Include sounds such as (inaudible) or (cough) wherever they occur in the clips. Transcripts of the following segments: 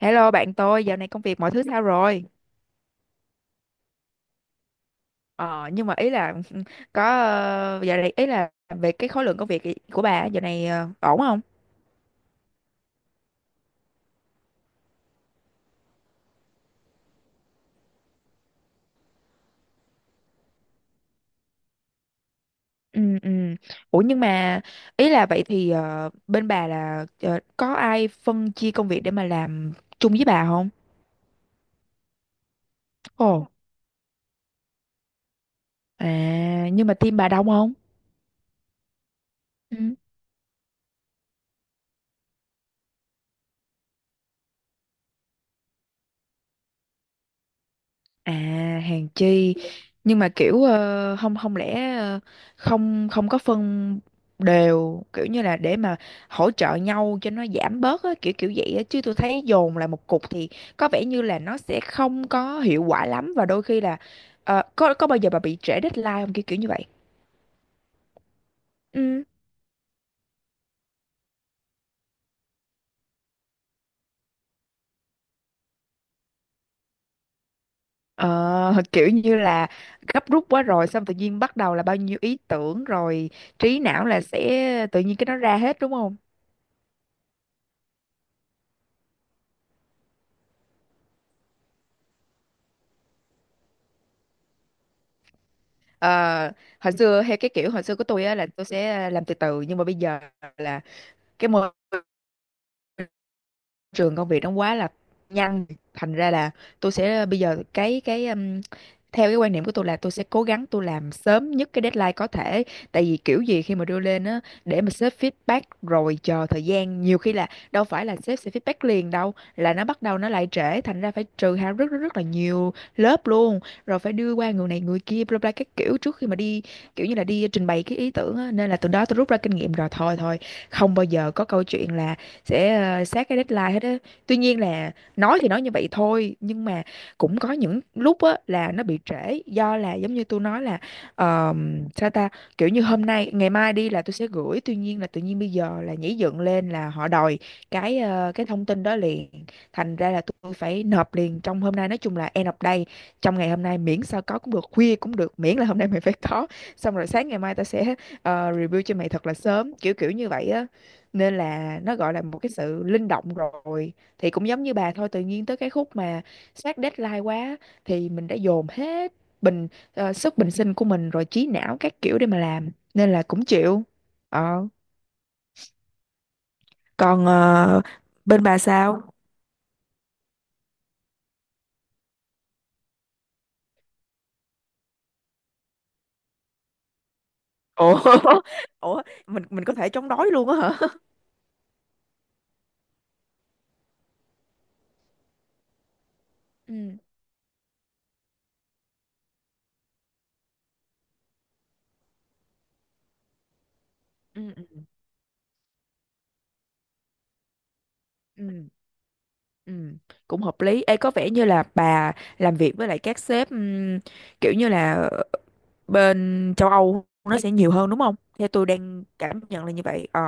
Hello bạn tôi, dạo này công việc mọi thứ sao rồi? Ờ, nhưng mà ý là (laughs) có dạo này ý là về cái khối lượng công việc của bà á, dạo này ổn không? Ừ, ừ. Ủa nhưng mà ý là vậy thì bên bà là có ai phân chia công việc để mà làm chung với bà không? Ồ, à nhưng mà team bà đông không? Ừ. À hàng chi nhưng mà kiểu không không lẽ không không có phân đều kiểu như là để mà hỗ trợ nhau cho nó giảm bớt á, kiểu kiểu vậy á chứ tôi thấy dồn lại một cục thì có vẻ như là nó sẽ không có hiệu quả lắm và đôi khi là có bao giờ bà bị trễ deadline không kiểu kiểu như vậy. Ừ. Ờ, (laughs) kiểu như là gấp rút quá rồi xong tự nhiên bắt đầu là bao nhiêu ý tưởng rồi trí não là sẽ tự nhiên cái nó ra hết đúng không? Ờ, hồi xưa hay cái kiểu hồi xưa của tôi á là tôi sẽ làm từ từ nhưng mà bây giờ là cái môi trường công việc nó quá là nhanh, thành ra là tôi sẽ bây giờ cái theo cái quan niệm của tôi là tôi sẽ cố gắng tôi làm sớm nhất cái deadline có thể, tại vì kiểu gì khi mà đưa lên á để mà sếp feedback rồi chờ thời gian nhiều khi là đâu phải là sếp sẽ feedback liền đâu, là nó bắt đầu nó lại trễ, thành ra phải trừ hao rất rất rất là nhiều lớp luôn, rồi phải đưa qua người này người kia bla bla các kiểu trước khi mà đi kiểu như là đi trình bày cái ý tưởng á. Nên là từ đó tôi rút ra kinh nghiệm rồi, thôi thôi không bao giờ có câu chuyện là sẽ sát cái deadline hết á. Tuy nhiên là nói thì nói như vậy thôi nhưng mà cũng có những lúc á là nó bị trễ do là giống như tôi nói là sao ta, kiểu như hôm nay ngày mai đi là tôi sẽ gửi, tuy nhiên là tự nhiên bây giờ là nhảy dựng lên là họ đòi cái thông tin đó liền, thành ra là tôi phải nộp liền trong hôm nay, nói chung là end of day trong ngày hôm nay, miễn sao có cũng được, khuya cũng được, miễn là hôm nay mình phải có, xong rồi sáng ngày mai tao sẽ review cho mày thật là sớm kiểu kiểu như vậy á. Nên là nó gọi là một cái sự linh động rồi, thì cũng giống như bà thôi, tự nhiên tới cái khúc mà sát deadline quá thì mình đã dồn hết bình sức bình sinh của mình rồi, trí não các kiểu để mà làm, nên là cũng chịu ờ. Còn bên bà sao? Ủa, (laughs) ủa mình có thể chống đói luôn á hả? (laughs) Ừ. Ừ. Ừ. Ừ, cũng hợp lý. Ê, có vẻ như là bà làm việc với lại các sếp kiểu như là bên châu Âu nó sẽ nhiều hơn đúng không? Theo tôi đang cảm nhận là như vậy. Ờ,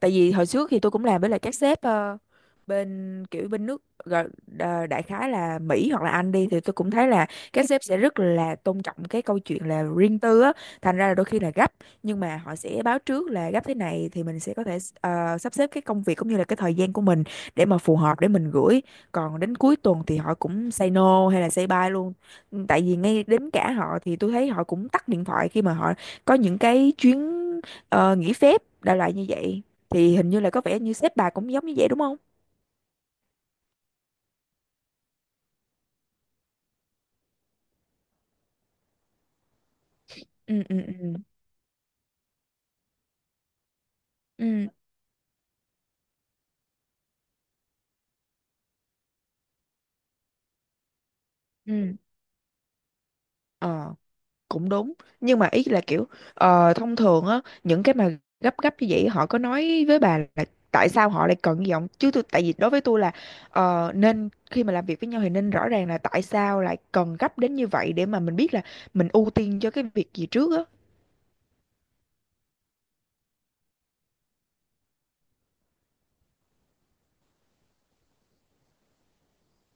tại vì hồi trước thì tôi cũng làm với lại các sếp bên kiểu bên nước đại khái là Mỹ hoặc là Anh đi, thì tôi cũng thấy là các sếp sẽ rất là tôn trọng cái câu chuyện là riêng tư á, thành ra là đôi khi là gấp nhưng mà họ sẽ báo trước là gấp thế này thì mình sẽ có thể sắp xếp cái công việc cũng như là cái thời gian của mình để mà phù hợp để mình gửi. Còn đến cuối tuần thì họ cũng say no hay là say bye luôn. Ừ, tại vì ngay đến cả họ thì tôi thấy họ cũng tắt điện thoại khi mà họ có những cái chuyến nghỉ phép đại loại như vậy, thì hình như là có vẻ như sếp bà cũng giống như vậy đúng không? Ừ. Ừ. Ừ. Ừ. Ừ. Ờ, cũng đúng. Nhưng mà ý là kiểu thông thường á, những cái mà gấp gấp như vậy họ có nói với bà là tại sao họ lại cần như vậy không? Chứ tôi, tại vì đối với tôi là nên khi mà làm việc với nhau thì nên rõ ràng là tại sao lại cần gấp đến như vậy, để mà mình biết là mình ưu tiên cho cái việc gì trước á.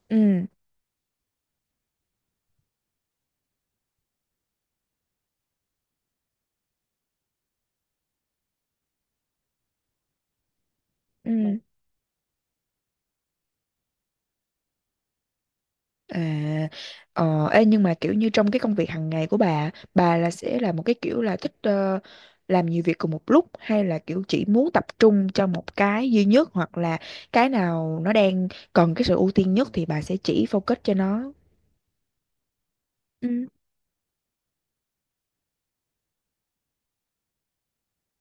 Ừ. Ừ. À, ê, nhưng mà kiểu như trong cái công việc hàng ngày của bà là sẽ là một cái kiểu là thích làm nhiều việc cùng một lúc, hay là kiểu chỉ muốn tập trung cho một cái duy nhất, hoặc là cái nào nó đang cần cái sự ưu tiên nhất thì bà sẽ chỉ focus cho nó. Ừ.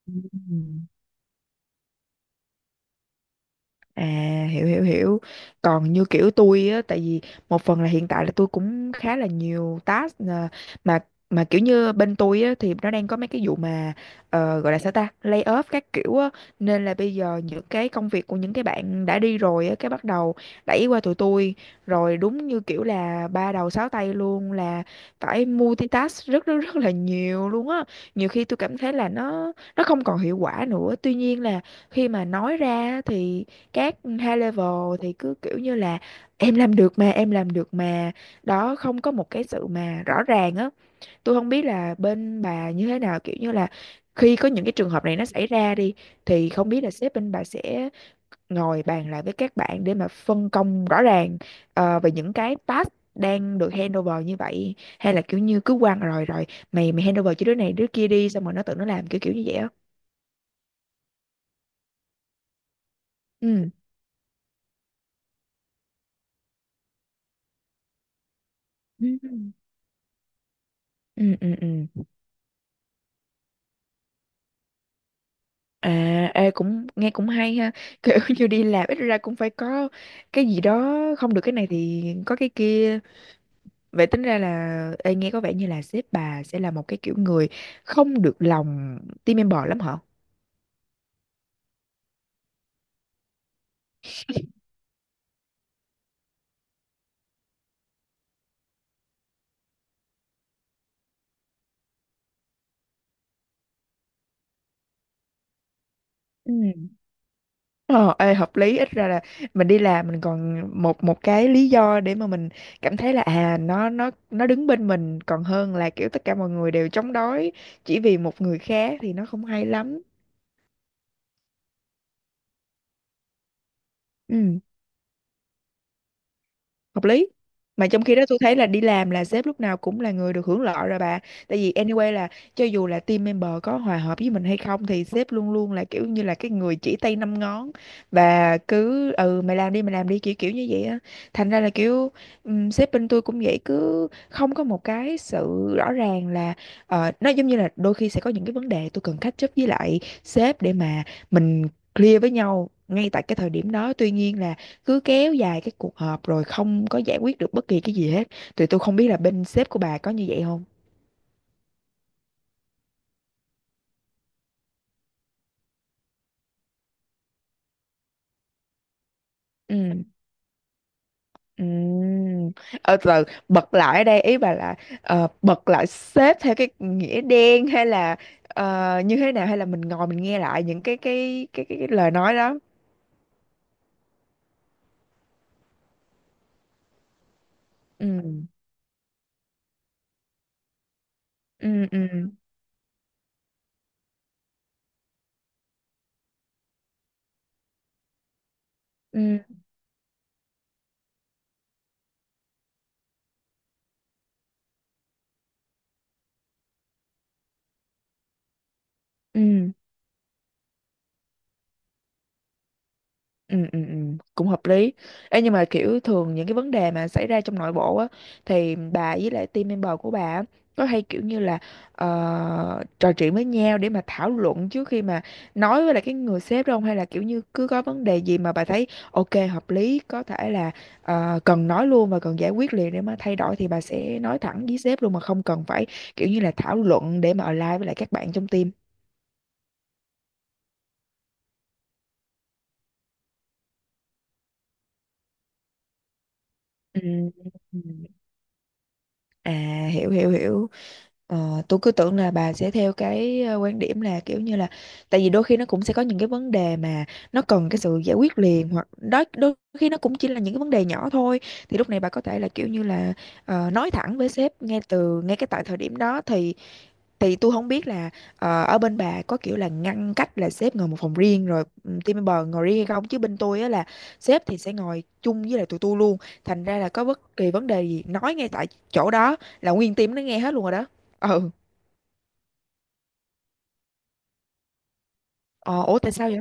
Ừ. À, hiểu hiểu hiểu. Còn như kiểu tôi á, tại vì một phần là hiện tại là tôi cũng khá là nhiều task à, Mà mà kiểu như bên tôi á thì nó đang có mấy cái vụ mà gọi là sao ta, lay off các kiểu á, nên là bây giờ những cái công việc của những cái bạn đã đi rồi á cái bắt đầu đẩy qua tụi tôi, rồi đúng như kiểu là ba đầu sáu tay luôn, là phải multitask rất rất rất là nhiều luôn á. Nhiều khi tôi cảm thấy là nó không còn hiệu quả nữa. Tuy nhiên là khi mà nói ra thì các high level thì cứ kiểu như là em làm được mà, em làm được mà, đó không có một cái sự mà rõ ràng á, tôi không biết là bên bà như thế nào, kiểu như là khi có những cái trường hợp này nó xảy ra đi thì không biết là sếp bên bà sẽ ngồi bàn lại với các bạn để mà phân công rõ ràng về những cái task đang được handover như vậy, hay là kiểu như cứ quăng rồi rồi mày mày handover cho đứa này đứa kia đi, xong rồi nó tự nó làm kiểu kiểu như vậy á. Ừ. Ừ. Ừ. Ừ. Ừ. À, ê, cũng nghe cũng hay ha, (laughs) kiểu như đi làm ít ra cũng phải có cái gì đó, không được cái này thì có cái kia. Vậy tính ra là, ê, nghe có vẻ như là sếp bà sẽ là một cái kiểu người không được lòng team member lắm hả? Ừ. Ờ ê, hợp lý, ít ra là mình đi làm mình còn một một cái lý do để mà mình cảm thấy là à nó đứng bên mình, còn hơn là kiểu tất cả mọi người đều chống đối chỉ vì một người khác thì nó không hay lắm. Ừ. Hợp lý, mà trong khi đó tôi thấy là đi làm là sếp lúc nào cũng là người được hưởng lợi rồi bà. Tại vì anyway là cho dù là team member có hòa hợp với mình hay không thì sếp luôn luôn là kiểu như là cái người chỉ tay năm ngón và cứ ừ mày làm đi kiểu kiểu như vậy á, thành ra là kiểu sếp bên tôi cũng vậy, cứ không có một cái sự rõ ràng là nó giống như là đôi khi sẽ có những cái vấn đề tôi cần catch up với lại sếp để mà mình clear với nhau ngay tại cái thời điểm đó, tuy nhiên là cứ kéo dài cái cuộc họp rồi không có giải quyết được bất kỳ cái gì hết, thì tôi không biết là bên sếp của bà có như vậy không. Ừ. Ừ. Ờ từ từ, bật lại ở đây ý bà là bật lại sếp theo cái nghĩa đen, hay là như thế nào, hay là mình ngồi mình nghe lại những cái lời nói đó. Ừ. Ừ. Ừ. Ừ. Ừ. Ừ, ừ, ừ, cũng hợp lý. Ê, nhưng mà kiểu thường những cái vấn đề mà xảy ra trong nội bộ á thì bà với lại team member của bà á, có hay kiểu như là trò chuyện với nhau để mà thảo luận trước khi mà nói với lại cái người sếp đó không, hay là kiểu như cứ có vấn đề gì mà bà thấy ok hợp lý có thể là cần nói luôn và cần giải quyết liền để mà thay đổi thì bà sẽ nói thẳng với sếp luôn mà không cần phải kiểu như là thảo luận để mà align với lại các bạn trong team. Ừ. À, hiểu hiểu hiểu. ờ, tôi cứ tưởng là bà sẽ theo cái quan điểm là kiểu như là tại vì đôi khi nó cũng sẽ có những cái vấn đề mà nó cần cái sự giải quyết liền hoặc đó đôi khi nó cũng chỉ là những cái vấn đề nhỏ thôi, thì lúc này bà có thể là kiểu như là nói thẳng với sếp ngay từ ngay cái tại thời điểm đó. Thì tôi không biết là ở bên bà có kiểu là ngăn cách là sếp ngồi một phòng riêng rồi, ừ, team member ngồi riêng hay không, chứ bên tôi á là sếp thì sẽ ngồi chung với lại tụi tôi luôn. Thành ra là có bất kỳ vấn đề gì nói ngay tại chỗ đó là nguyên team nó nghe hết luôn rồi đó. Ừ, ờ, ủa tại sao vậy?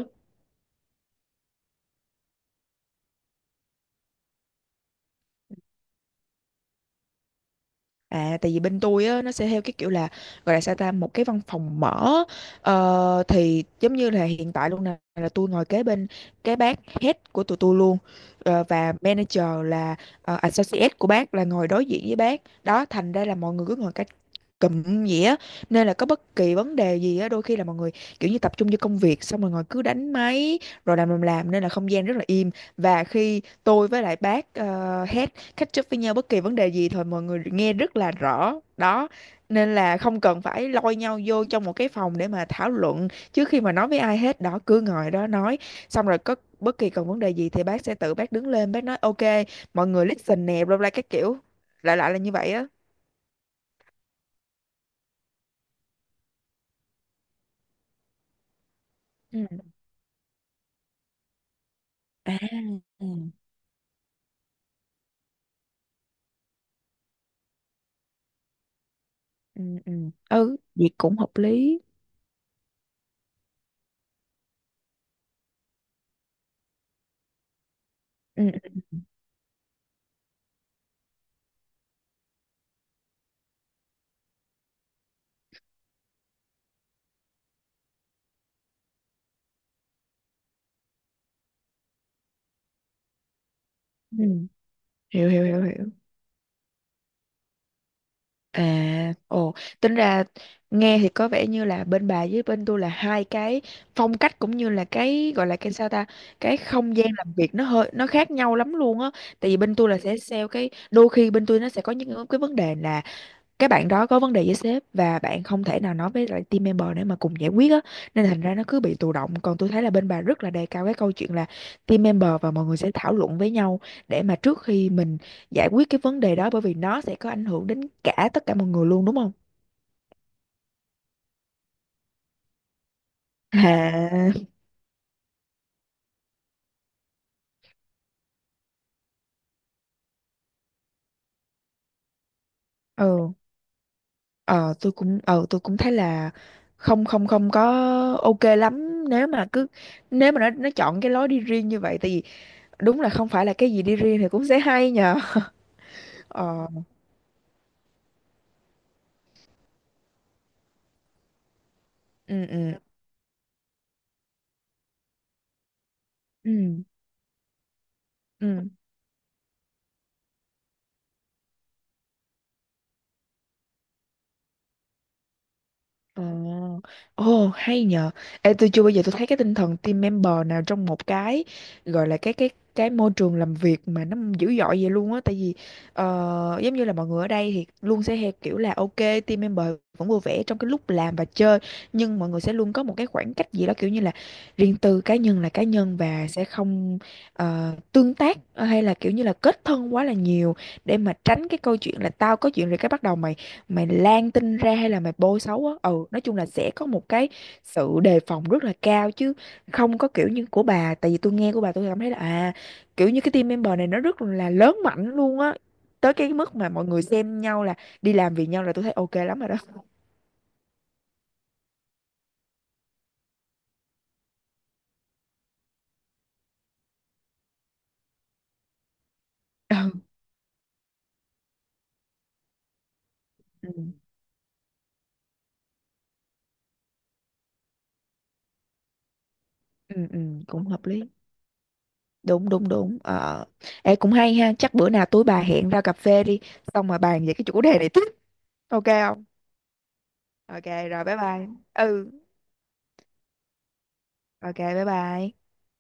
À, tại vì bên tôi á, nó sẽ theo cái kiểu là gọi là sao ta, một cái văn phòng mở. Ờ, thì giống như là hiện tại luôn nè, là tôi ngồi kế bên cái bác head của tụi tôi luôn. Ờ, và manager là associate của bác là ngồi đối diện với bác đó, thành ra là mọi người cứ ngồi cách cụm vậy á, nên là có bất kỳ vấn đề gì á đôi khi là mọi người kiểu như tập trung vô công việc xong rồi ngồi cứ đánh máy rồi làm, nên là không gian rất là im. Và khi tôi với lại bác uh, catch up với nhau bất kỳ vấn đề gì thôi mọi người nghe rất là rõ đó, nên là không cần phải lôi nhau vô trong một cái phòng để mà thảo luận trước khi mà nói với ai hết đó, cứ ngồi đó nói. Xong rồi có bất kỳ còn vấn đề gì thì bác sẽ tự bác đứng lên bác nói ok, mọi người listen nè, bla bla các kiểu, lại lại là như vậy á. Ừ. À, ừ ừ ừ, ừ, vậy cũng hợp lý. Ừ ừ ừ. Hiểu hiểu hiểu hiểu. À, ồ, tính ra nghe thì có vẻ như là bên bà với bên tôi là hai cái phong cách, cũng như là cái gọi là cái sao ta, cái không gian làm việc nó hơi nó khác nhau lắm luôn á. Tại vì bên tôi là sẽ sell cái đôi khi bên tôi nó sẽ có những cái vấn đề là cái bạn đó có vấn đề với sếp và bạn không thể nào nói với lại team member để mà cùng giải quyết á, nên thành ra nó cứ bị tù động. Còn tôi thấy là bên bà rất là đề cao cái câu chuyện là team member và mọi người sẽ thảo luận với nhau để mà trước khi mình giải quyết cái vấn đề đó, bởi vì nó sẽ có ảnh hưởng đến cả tất cả mọi người luôn, đúng không? À, ừ, ờ tôi cũng tôi cũng thấy là không không không có ok lắm nếu mà cứ nếu mà nó chọn cái lối đi riêng như vậy, tại vì đúng là không phải là cái gì đi riêng thì cũng sẽ hay nhờ. (laughs) Ờ, ừ ừ ừ ừ. Ồ, ồ, hay nhờ. Ê, tôi chưa bao giờ tôi thấy cái tinh thần team member nào trong một cái gọi là cái cái môi trường làm việc mà nó dữ dội vậy luôn á. Tại vì giống như là mọi người ở đây thì luôn sẽ theo kiểu là ok, team member vẫn vui vẻ trong cái lúc làm và chơi, nhưng mọi người sẽ luôn có một cái khoảng cách gì đó kiểu như là riêng tư, cá nhân là cá nhân, và sẽ không tương tác hay là kiểu như là kết thân quá là nhiều, để mà tránh cái câu chuyện là tao có chuyện rồi cái bắt đầu mày mày lan tin ra hay là mày bôi xấu á. Ừ, nói chung là sẽ có một cái sự đề phòng rất là cao, chứ không có kiểu như của bà. Tại vì tôi nghe của bà tôi cảm thấy là à, kiểu như cái team member này nó rất là lớn mạnh luôn á, tới cái mức mà mọi người xem nhau là đi làm vì nhau, là tôi thấy ok lắm rồi đó. (laughs) Ừ ừ ừ ừ, cũng hợp lý. Đúng đúng đúng. Ờ, ê cũng hay ha, chắc bữa nào tối bà hẹn ra cà phê đi, xong mà bàn về cái chủ đề này tiếp, ok không? Ok. Rồi bye bye. Ừ, ok, bye bye.